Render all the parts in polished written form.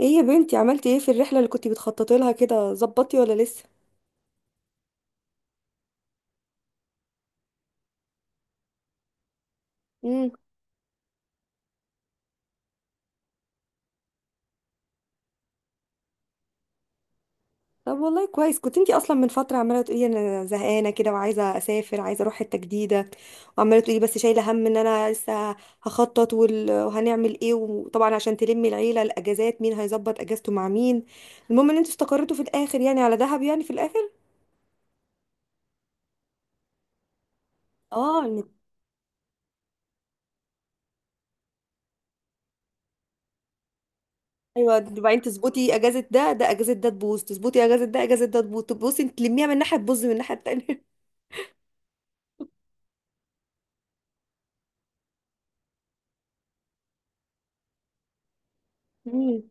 ايه يا بنتي، عملتي ايه في الرحله اللي كنتي بتخططي لها كده؟ ظبطتي ولا لسه؟ امم طب والله كويس. كنت انتي اصلا من فتره عماله تقولي انا زهقانه كده وعايزه اسافر، عايزه اروح حته جديده. وعماله تقولي بس شايله هم ان انا لسه هخطط، وهنعمل ايه، وطبعا عشان تلمي العيله الاجازات مين هيظبط اجازته مع مين. المهم ان انتوا استقرتوا في الاخر يعني على دهب يعني في الاخر. اه ايوه. وبعدين تظبطي اجازه ده اجازه ده تبوظ، تظبطي اجازه ده اجازه ده تبوظ، تبوظي تلميها من ناحيه تبوظ من الناحيه التانيه. مم.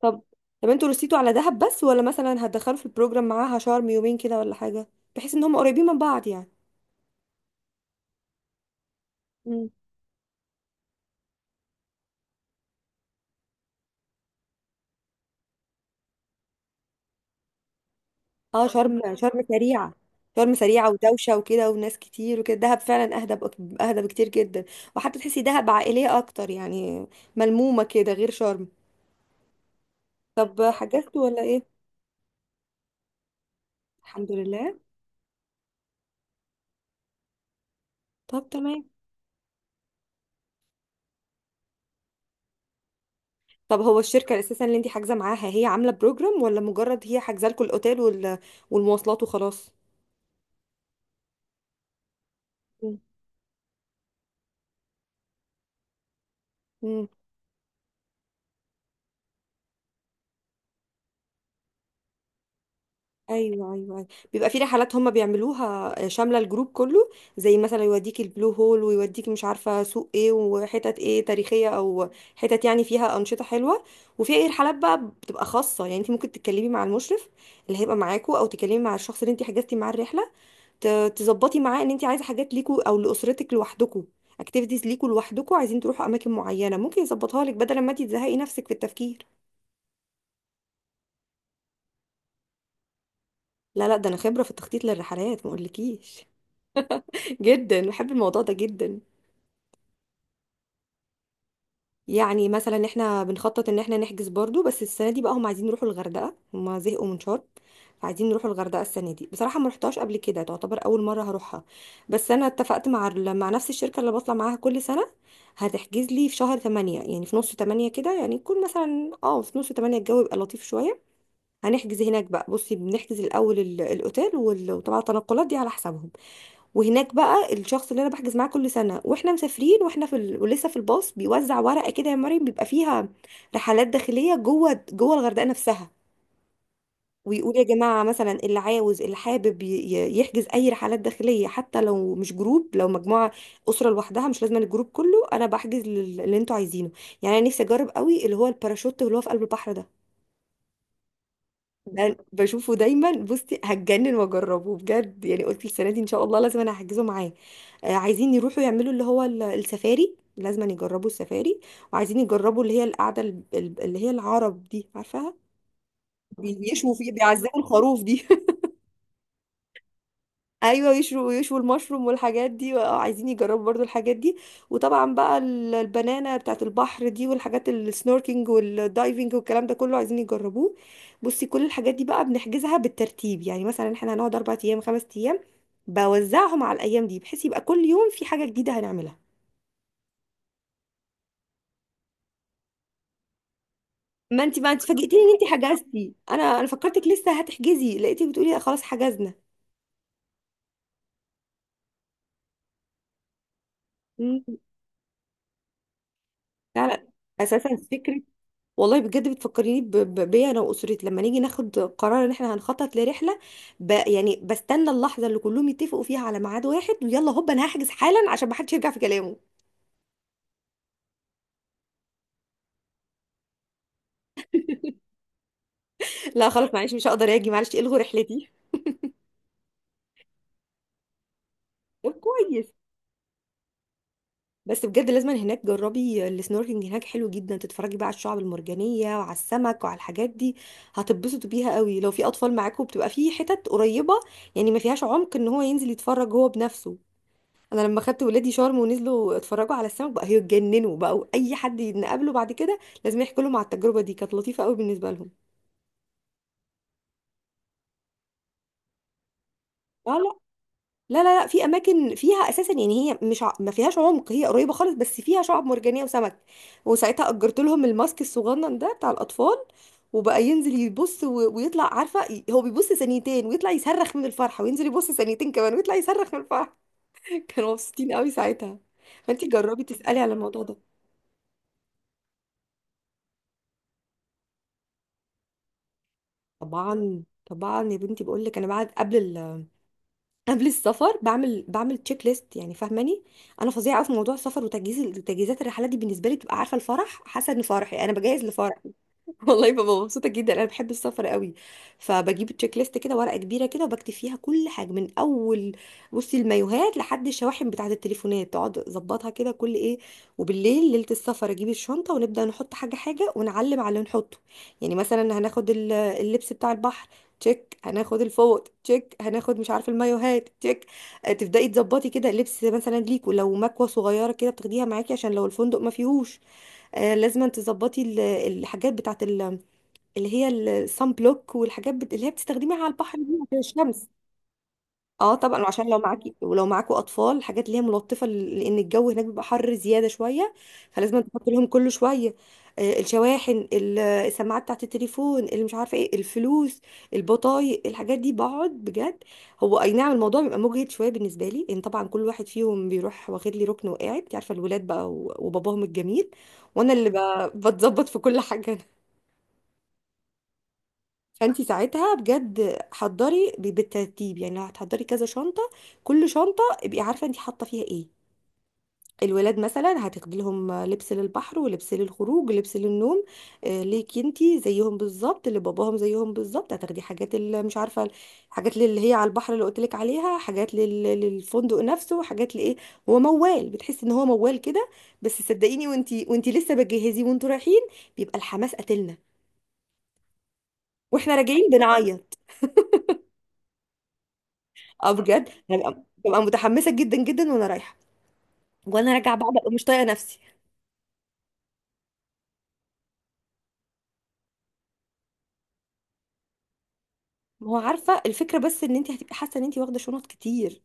طب. طب انتوا رسيتوا على دهب بس؟ ولا مثلا هتدخلوا في البروجرام معاها شرم يومين كده ولا حاجة؟ بحيث ان هم قريبين من بعض يعني. مم. اه شرم سريعة. شرم سريعة ودوشة وكده وناس كتير وكده، دهب فعلا اهدى اهدى بكتير جدا. وحتى تحسي دهب عائلية اكتر يعني، ملمومة كده غير شرم. طب حجزتوا ولا ايه؟ الحمد لله. طب تمام. طب هو الشركة اساسا اللي انت حاجزة معاها هي عاملة بروجرام؟ ولا مجرد هي حاجزة لكم الاوتيل والمواصلات وخلاص؟ مم. ايوه، ايوه، أيوة. بيبقى في رحلات هم بيعملوها، شامله الجروب كله. زي مثلا يوديك البلو هول، ويوديك مش عارفه سوق ايه وحتت ايه تاريخيه، او حتت يعني فيها انشطه حلوه. وفي اي رحلات بقى بتبقى خاصه يعني، انت ممكن تتكلمي مع المشرف اللي هيبقى معاكوا، او تكلمي مع الشخص اللي انت حجزتي معاه الرحله، تظبطي معاه ان انت عايزه حاجات ليكوا او لاسرتك لوحدكوا، اكتيفيتيز ليكوا لوحدكوا، عايزين تروحوا اماكن معينه ممكن يظبطها لك، بدل ما انت تزهقي نفسك في التفكير. لا لا، ده انا خبره في التخطيط للرحلات ما اقولكيش. جدا بحب الموضوع ده جدا. يعني مثلا احنا بنخطط ان احنا نحجز برضو، بس السنه دي بقى هم عايزين يروحوا الغردقه، هم زهقوا من شرم، فعايزين نروحوا الغردقه السنه دي. بصراحه ما رحتهاش قبل كده، تعتبر اول مره هروحها. بس انا اتفقت مع مع نفس الشركه اللي بطلع معاها كل سنه، هتحجز لي في شهر 8 يعني في نص 8 كده، يعني يكون مثلا اه في نص 8 الجو يبقى لطيف شويه. هنحجز هناك بقى، بصي بنحجز الاول الاوتيل وطبعا التنقلات دي على حسابهم. وهناك بقى الشخص اللي انا بحجز معاه كل سنه، واحنا مسافرين واحنا في ال... ولسه في الباص، بيوزع ورقه كده يا مريم، بيبقى فيها رحلات داخليه جوه جوه الغردقه نفسها. ويقول يا جماعه مثلا، اللي عاوز اللي حابب يحجز اي رحلات داخليه حتى لو مش جروب، لو مجموعه، اسره لوحدها، مش لازم الجروب كله، انا بحجز اللي انتوا عايزينه. يعني انا نفسي اجرب قوي اللي هو الباراشوت اللي هو في قلب البحر ده. ده بشوفه دايما بصي هتجنن، واجربه بجد، يعني قلت السنه دي ان شاء الله لازم انا هحجزه معاه. عايزين يروحوا يعملوا اللي هو السفاري، لازم يجربوا السفاري. وعايزين يجربوا اللي هي القعده اللي هي العرب دي عارفاها، بيشوا فيه بيعزموا الخروف دي. ايوه يشوا يشوا المشروم والحاجات دي. عايزين يجربوا برضو الحاجات دي. وطبعا بقى البنانه بتاعت البحر دي، والحاجات السنوركينج والدايفنج والكلام ده كله عايزين يجربوه. بصي، كل الحاجات دي بقى بنحجزها بالترتيب، يعني مثلا احنا هنقعد 4 ايام 5 ايام، بوزعهم على الايام دي، بحيث يبقى كل يوم في حاجه جديده هنعملها. ما انت بقى انت فاجئتيني ان انت حجزتي، انا فكرتك لسه هتحجزي، لقيتك بتقولي لا خلاص حجزنا. مم. لا لا. اساسا فكره والله بجد، بتفكريني بيا انا واسرتي لما نيجي ناخد قرار ان احنا هنخطط لرحله، ب يعني بستنى اللحظه اللي كلهم يتفقوا فيها على ميعاد واحد، ويلا هوب انا هحجز حالا عشان ما حدش يرجع في كلامه. لا خلاص، معلش مش هقدر اجي، معلش الغوا رحلتي. طب كويس. بس بجد لازم هناك جربي السنوركلينج، هناك حلو جدا، تتفرجي بقى على الشعب المرجانيه وعلى السمك وعلى الحاجات دي. هتتبسطوا بيها قوي، لو في اطفال معاكم بتبقى في حتت قريبه يعني ما فيهاش عمق، ان هو ينزل يتفرج هو بنفسه. انا لما خدت ولادي شرم ونزلوا اتفرجوا على السمك بقى هيتجننوا، بقى اي حد نقابله بعد كده لازم يحكي لهم على التجربه دي، كانت لطيفه قوي بالنسبه لهم. اه. لا لا لا لا، في اماكن فيها اساسا يعني هي مش ع... ما فيهاش عمق، هي قريبه خالص، بس فيها شعب مرجانيه وسمك، وساعتها اجرت لهم الماسك الصغنن ده بتاع الاطفال، وبقى ينزل يبص و... ويطلع عارفه، هو بيبص ثانيتين ويطلع يصرخ من الفرحه، وينزل يبص ثانيتين كمان ويطلع يصرخ من الفرحه. كانوا مبسوطين قوي ساعتها. فانت جربي تسالي على الموضوع ده. طبعا طبعا يا بنتي، بقول لك انا بعد قبل ال... قبل السفر بعمل تشيك ليست، يعني فاهماني. انا فظيعه قوي في موضوع السفر وتجهيز وتجهيزات الرحلات دي، بالنسبه لي بتبقى عارفه الفرح، حاسه ان فرحي انا بجهز لفرح. والله ببقى مبسوطه جدا، انا بحب السفر قوي. فبجيب تشيك ليست كده ورقه كبيره كده وبكتب فيها كل حاجه من اول، بصي، المايوهات لحد الشواحن بتاعه التليفونات، اقعد اظبطها كده كل ايه. وبالليل ليله السفر اجيب الشنطه ونبدا نحط حاجه حاجه، ونعلم على اللي نحطه. يعني مثلا هناخد اللبس بتاع البحر، تشيك. هناخد الفوط، تشيك. هناخد مش عارفه المايوهات، تشيك. تبداي تظبطي كده اللبس مثلا ليكوا، لو مكوه صغيره كده بتاخديها معاكي عشان لو الفندق ما فيهوش. لازم تظبطي الحاجات بتاعه اللي هي الصن بلوك، اللي هي بتستخدميها على البحر دي عشان الشمس. اه طبعا. وعشان لو معاكي ولو معاكوا اطفال، الحاجات اللي هي ملطفه، لان الجو هناك بيبقى حر زياده شويه، فلازم تحط لهم كل شويه. الشواحن، السماعات بتاعت التليفون، اللي مش عارفه ايه، الفلوس، البطايق، الحاجات دي بقعد بجد. هو اي نعم الموضوع بيبقى مجهد شويه بالنسبه لي، ان طبعا كل واحد فيهم بيروح واخد لي ركن وقاعد انت عارفه الولاد بقى وباباهم الجميل، وانا اللي بتظبط في كل حاجه. فانت ساعتها بجد حضري بالترتيب، يعني لو هتحضري كذا شنطه، كل شنطه ابقي عارفه انت حاطه فيها ايه. الولاد مثلا هتاخدي لهم لبس للبحر ولبس للخروج ولبس للنوم. ليكي انت زيهم بالظبط، اللي باباهم زيهم بالظبط، هتاخدي حاجات اللي مش عارفه، حاجات اللي هي على البحر اللي قلت لك عليها، حاجات للفندق نفسه، حاجات لايه. هو موال، بتحسي ان هو موال كده، بس صدقيني وانت لسه بتجهزي وانتوا رايحين بيبقى الحماس قاتلنا، واحنا راجعين بنعيط. اه بجد هبقى، ببقى متحمسه جدا جدا وانا رايحه، وانا راجعه بقى ببقى مش طايقه نفسي. ما هو عارفه الفكره، بس ان انت هتبقي حاسه ان انت واخده شنط كتير.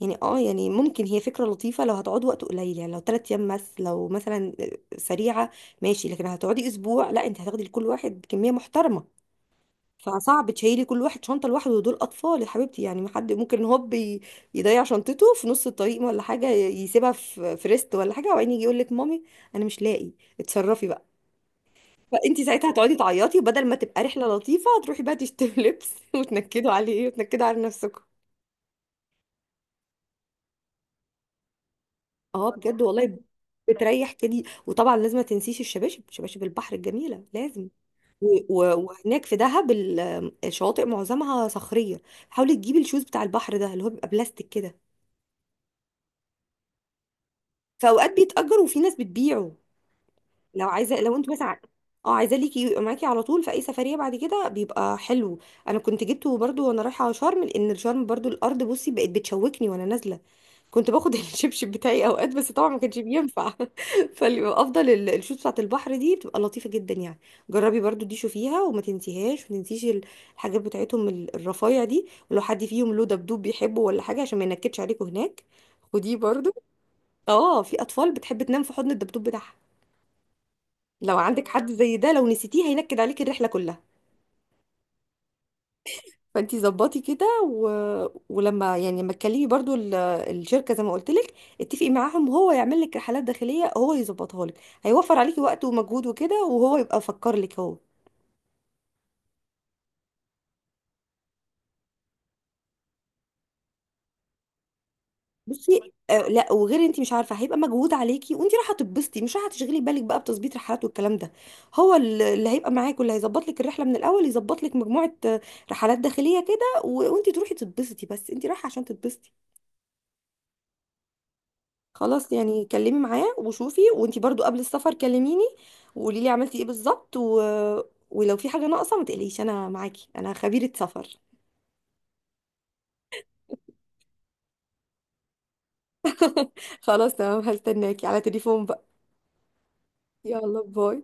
يعني اه يعني ممكن هي فكره لطيفه لو هتقعد وقت قليل، يعني لو 3 ايام بس، لو مثلا سريعه، ماشي. لكن هتقعدي اسبوع لا، انت هتاخدي لكل واحد كميه محترمه، فصعب تشيلي كل واحد شنطه لوحده، ودول اطفال يا حبيبتي يعني، ما حد ممكن هوب يضيع شنطته في نص الطريق ولا حاجه، يسيبها في ريست ولا حاجه، وبعدين يجي يقول لك مامي انا مش لاقي، اتصرفي. فانت ساعتها هتقعدي تعيطي، بدل ما تبقى رحله لطيفه هتروحي بقى تشتري لبس، وتنكدوا عليه وتنكدوا على نفسكم. اه بجد والله. بتريح كده. وطبعا لازم ما تنسيش الشباشب، شباشب البحر الجميله لازم. وهناك في دهب الشواطئ معظمها صخريه، حاولي تجيبي الشوز بتاع البحر ده اللي هو بيبقى بلاستيك كده. في اوقات بيتأجر وفي ناس بتبيعه. لو عايزه، لو انت مثلا اه عايزاه ليكي يبقى معاكي على طول في اي سفريه بعد كده، بيبقى حلو. انا كنت جبته برضو وانا رايحه شرم، لان شرم برضو الارض بصي بقت بتشوكني وانا نازله، كنت باخد الشبشب بتاعي اوقات بس طبعا ما كانش بينفع. فالافضل الشوز بتاعت البحر دي بتبقى لطيفه جدا يعني. جربي برضو دي، شوفيها وما تنسيهاش. ما تنسيش الحاجات بتاعتهم الرفايع دي، ولو حد فيهم له دبدوب بيحبه ولا حاجه عشان ما ينكدش عليكوا هناك، ودي برضو. اه في اطفال بتحب تنام في حضن الدبدوب بتاعها، لو عندك حد زي ده لو نسيتيه هينكد عليك الرحله كلها. فانتي ظبطي كده و... ولما يعني لما تكلمي برضو الشركه زي ما قلت لك، اتفقي معاهم هو يعمل لك رحلات داخليه، هو يظبطها لك، هيوفر عليكي وقت ومجهود وكده، وهو يبقى فكر لك هو. بصي آه، لا وغير انت مش عارفه، هيبقى مجهود عليكي وانت رايحه تتبسطي مش رايحه تشغلي بالك بقى بتظبيط رحلات والكلام ده. هو اللي هيبقى معاك واللي هيظبط لك الرحله من الاول، يظبط لك مجموعه، رحلات داخليه كده و... وانت تروحي تتبسطي، بس انت رايحه عشان تتبسطي. خلاص. يعني كلمي معاه وشوفي، وانتي برضو قبل السفر كلميني، وقولي لي عملتي ايه بالظبط و... ولو في حاجة ناقصة ما تقلقيش، انا معاكي انا خبيرة سفر. خلاص تمام، هستناكي على تليفون بقى. يلا باي.